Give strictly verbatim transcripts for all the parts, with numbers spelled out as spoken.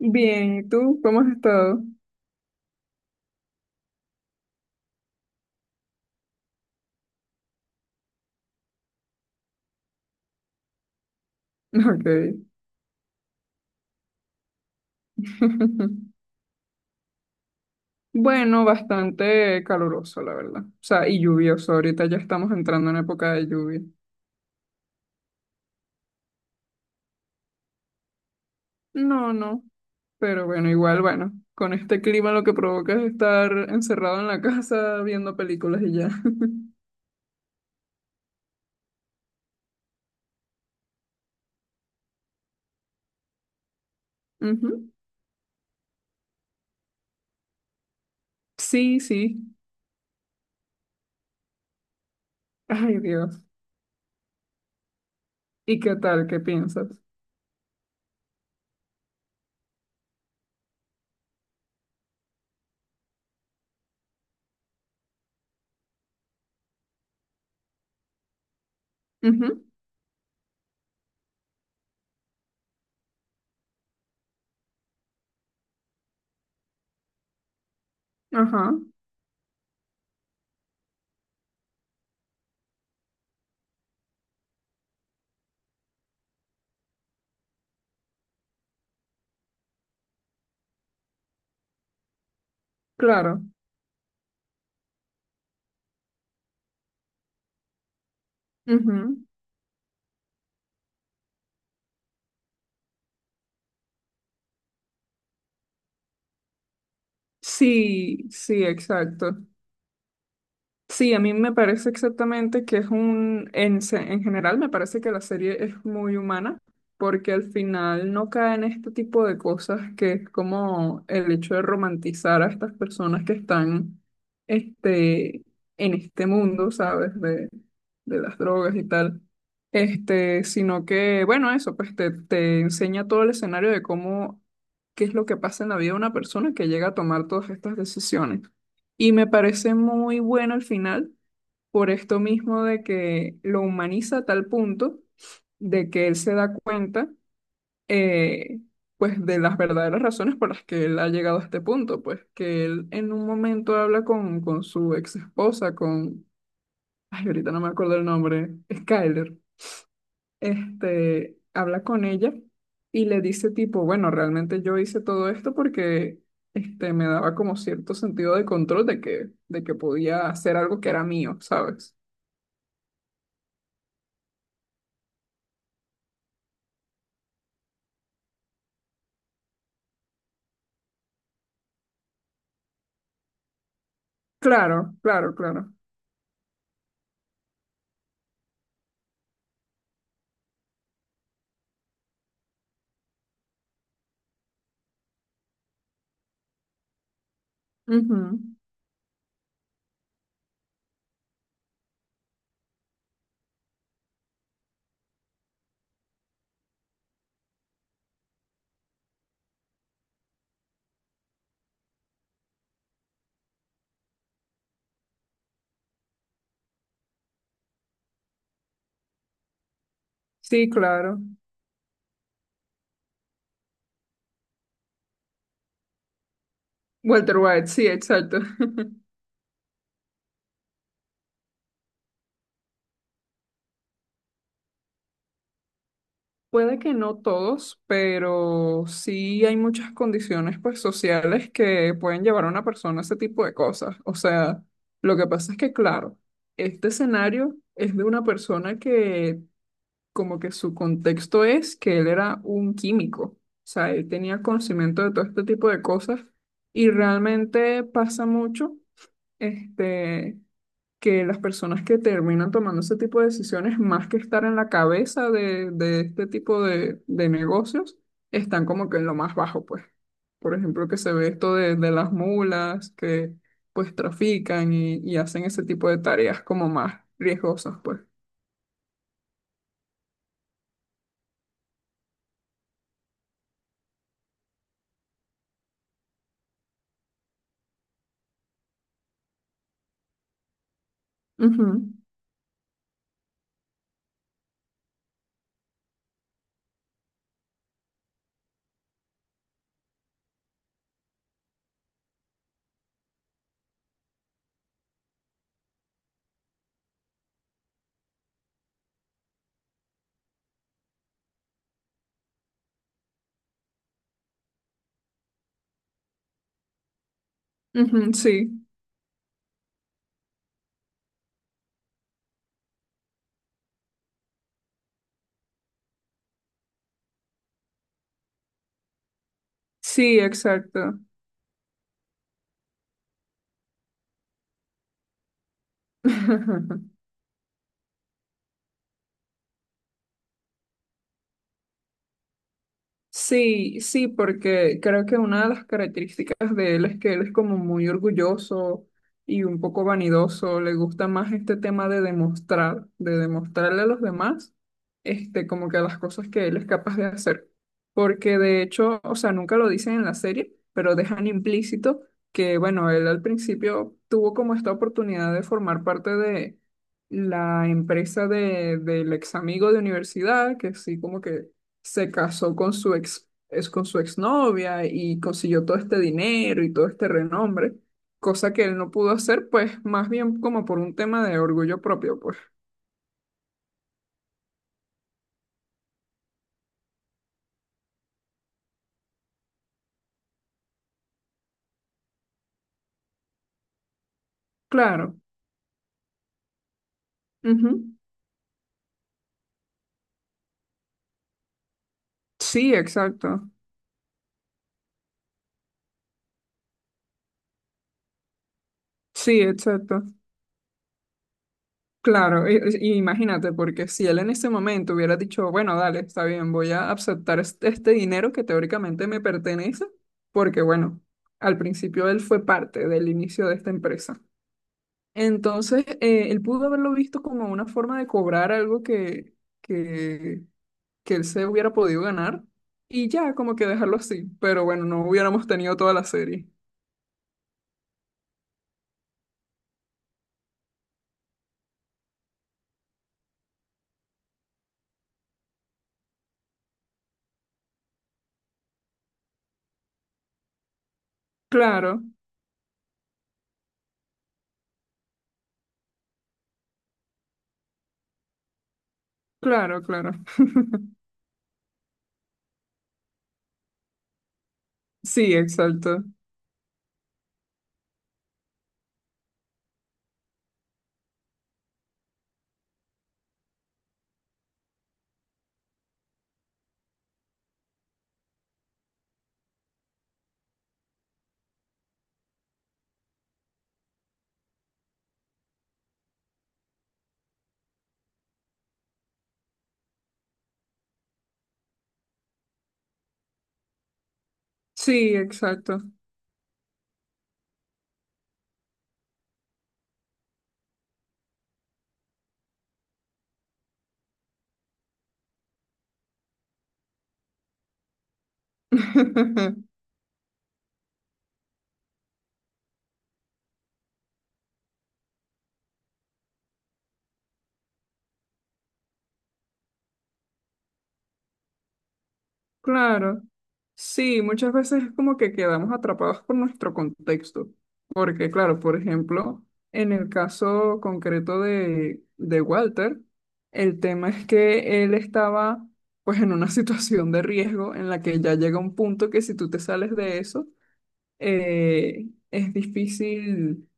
Bien, ¿y tú? ¿Cómo has estado? Ok. Bueno, bastante caluroso, la verdad. O sea, y lluvioso. Ahorita ya estamos entrando en época de lluvia. No, no. Pero bueno, igual, bueno. Con este clima lo que provoca es estar encerrado en la casa viendo películas y ya. Ujú. Sí, sí. Ay, Dios. ¿Y qué tal? ¿Qué piensas? Ujú. Ajá. Claro. Ujú. Sí, sí, exacto. Sí, a mí me parece exactamente que es un, en, se- en general me parece que la serie es muy humana, porque al final no cae en este tipo de cosas que es como el hecho de romantizar a estas personas que están este, en este mundo, ¿sabes? De, de las drogas y tal. Este, sino que, bueno, eso, pues te, te enseña todo el escenario de cómo, qué es lo que pasa en la vida de una persona que llega a tomar todas estas decisiones. Y me parece muy bueno el final, por esto mismo de que lo humaniza a tal punto de que él se da cuenta, eh, pues, de las verdaderas razones por las que él ha llegado a este punto, pues, que él en un momento habla con con su ex esposa, con, ay, ahorita no me acuerdo el nombre, Skyler. Este, habla con ella y le dice tipo, bueno, realmente yo hice todo esto porque este, me daba como cierto sentido de control de que, de que podía hacer algo que era mío, ¿sabes? Claro, claro, claro. Ujú. Sí, claro. Walter White, sí, exacto. Puede que no todos, pero sí hay muchas condiciones pues sociales que pueden llevar a una persona a ese tipo de cosas. O sea, lo que pasa es que, claro, este escenario es de una persona que como que su contexto es que él era un químico. O sea, él tenía conocimiento de todo este tipo de cosas y realmente pasa mucho, este, que las personas que terminan tomando ese tipo de decisiones, más que estar en la cabeza de, de este tipo de, de negocios, están como que en lo más bajo, pues. Por ejemplo, que se ve esto de, de las mulas que pues trafican y, y hacen ese tipo de tareas como más riesgosas, pues. Ujú, ujú, sí, sí, exacto. Sí, sí, porque creo que una de las características de él es que él es como muy orgulloso y un poco vanidoso, le gusta más este tema de demostrar, de demostrarle a los demás, este, como que las cosas que él es capaz de hacer. Porque de hecho, o sea, nunca lo dicen en la serie, pero dejan implícito que, bueno, él al principio tuvo como esta oportunidad de formar parte de la empresa de, del ex amigo de universidad, que sí, como que se casó con su ex, es con su exnovia y consiguió todo este dinero y todo este renombre, cosa que él no pudo hacer, pues más bien como por un tema de orgullo propio, pues. Claro. Ujú. Sí, exacto. Sí, exacto. Claro, y- y imagínate, porque si él en ese momento hubiera dicho, bueno, dale, está bien, voy a aceptar este, este dinero que teóricamente me pertenece, porque bueno, al principio él fue parte del inicio de esta empresa. Entonces, eh, él pudo haberlo visto como una forma de cobrar algo que, que, que él se hubiera podido ganar y ya, como que dejarlo así. Pero bueno, no hubiéramos tenido toda la serie. Claro, claro, claro. Sí, exacto. Sí, exacto. Claro, sí, muchas veces es como que quedamos atrapados por nuestro contexto, porque claro, por ejemplo, en el caso concreto de, de Walter, el tema es que él estaba pues en una situación de riesgo en la que ya llega un punto que si tú te sales de eso, eh, es difícil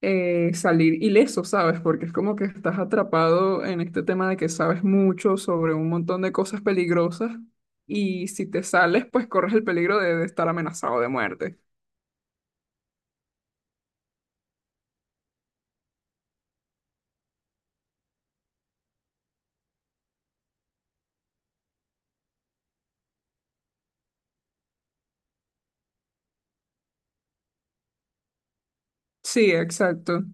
eh, salir ileso, ¿sabes? Porque es como que estás atrapado en este tema de que sabes mucho sobre un montón de cosas peligrosas y si te sales, pues corres el peligro de, de estar amenazado de muerte. Sí, exacto.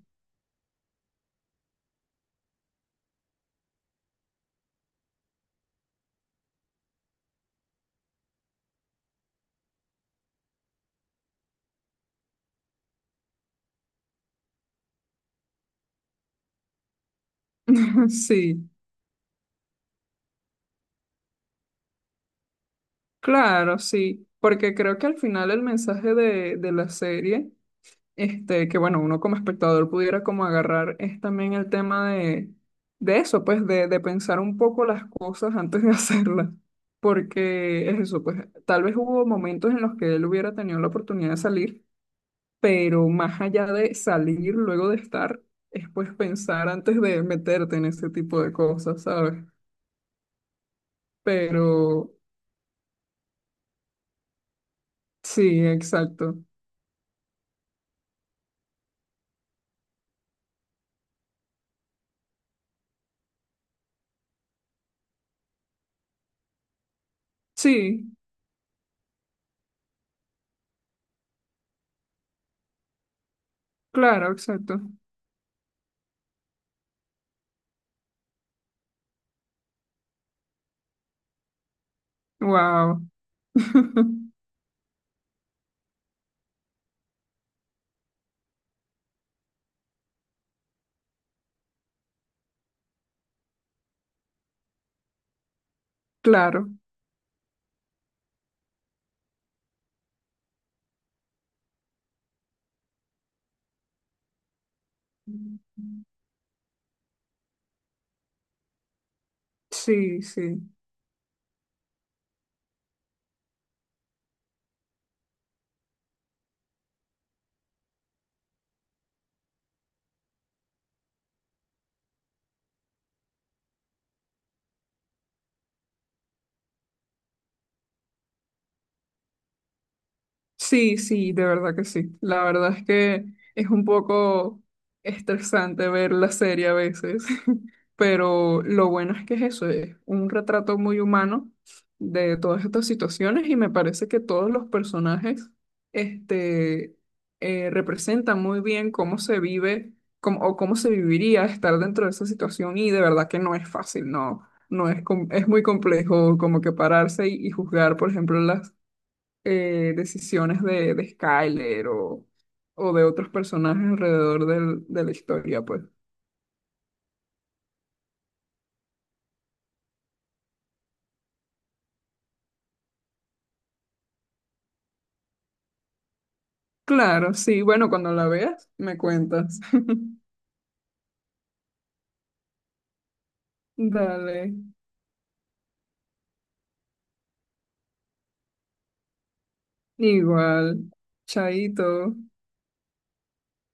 Sí, claro, sí. Porque creo que al final el mensaje de, de la serie. Este, que bueno, uno como espectador pudiera como agarrar es también el tema de, de eso, pues de, de pensar un poco las cosas antes de hacerlas, porque es eso, pues tal vez hubo momentos en los que él hubiera tenido la oportunidad de salir, pero más allá de salir luego de estar, es pues pensar antes de meterte en ese tipo de cosas, ¿sabes? Pero sí, exacto. Sí, claro, exacto. Wow. Claro. Sí, sí. Sí, sí, de verdad que sí. La verdad es que es un poco estresante ver la serie a veces, pero lo bueno es que es eso, es un retrato muy humano de todas estas situaciones y me parece que todos los personajes este, eh, representan muy bien cómo se vive cómo- o cómo se viviría estar dentro de esa situación y de verdad que no es fácil, no, no es, com- es muy complejo como que pararse y, y juzgar, por ejemplo, las eh, decisiones de, de Skyler o, o de otros personajes alrededor del- de la historia, pues. Claro, sí, bueno, cuando la veas, me cuentas. Dale, igual, chaito.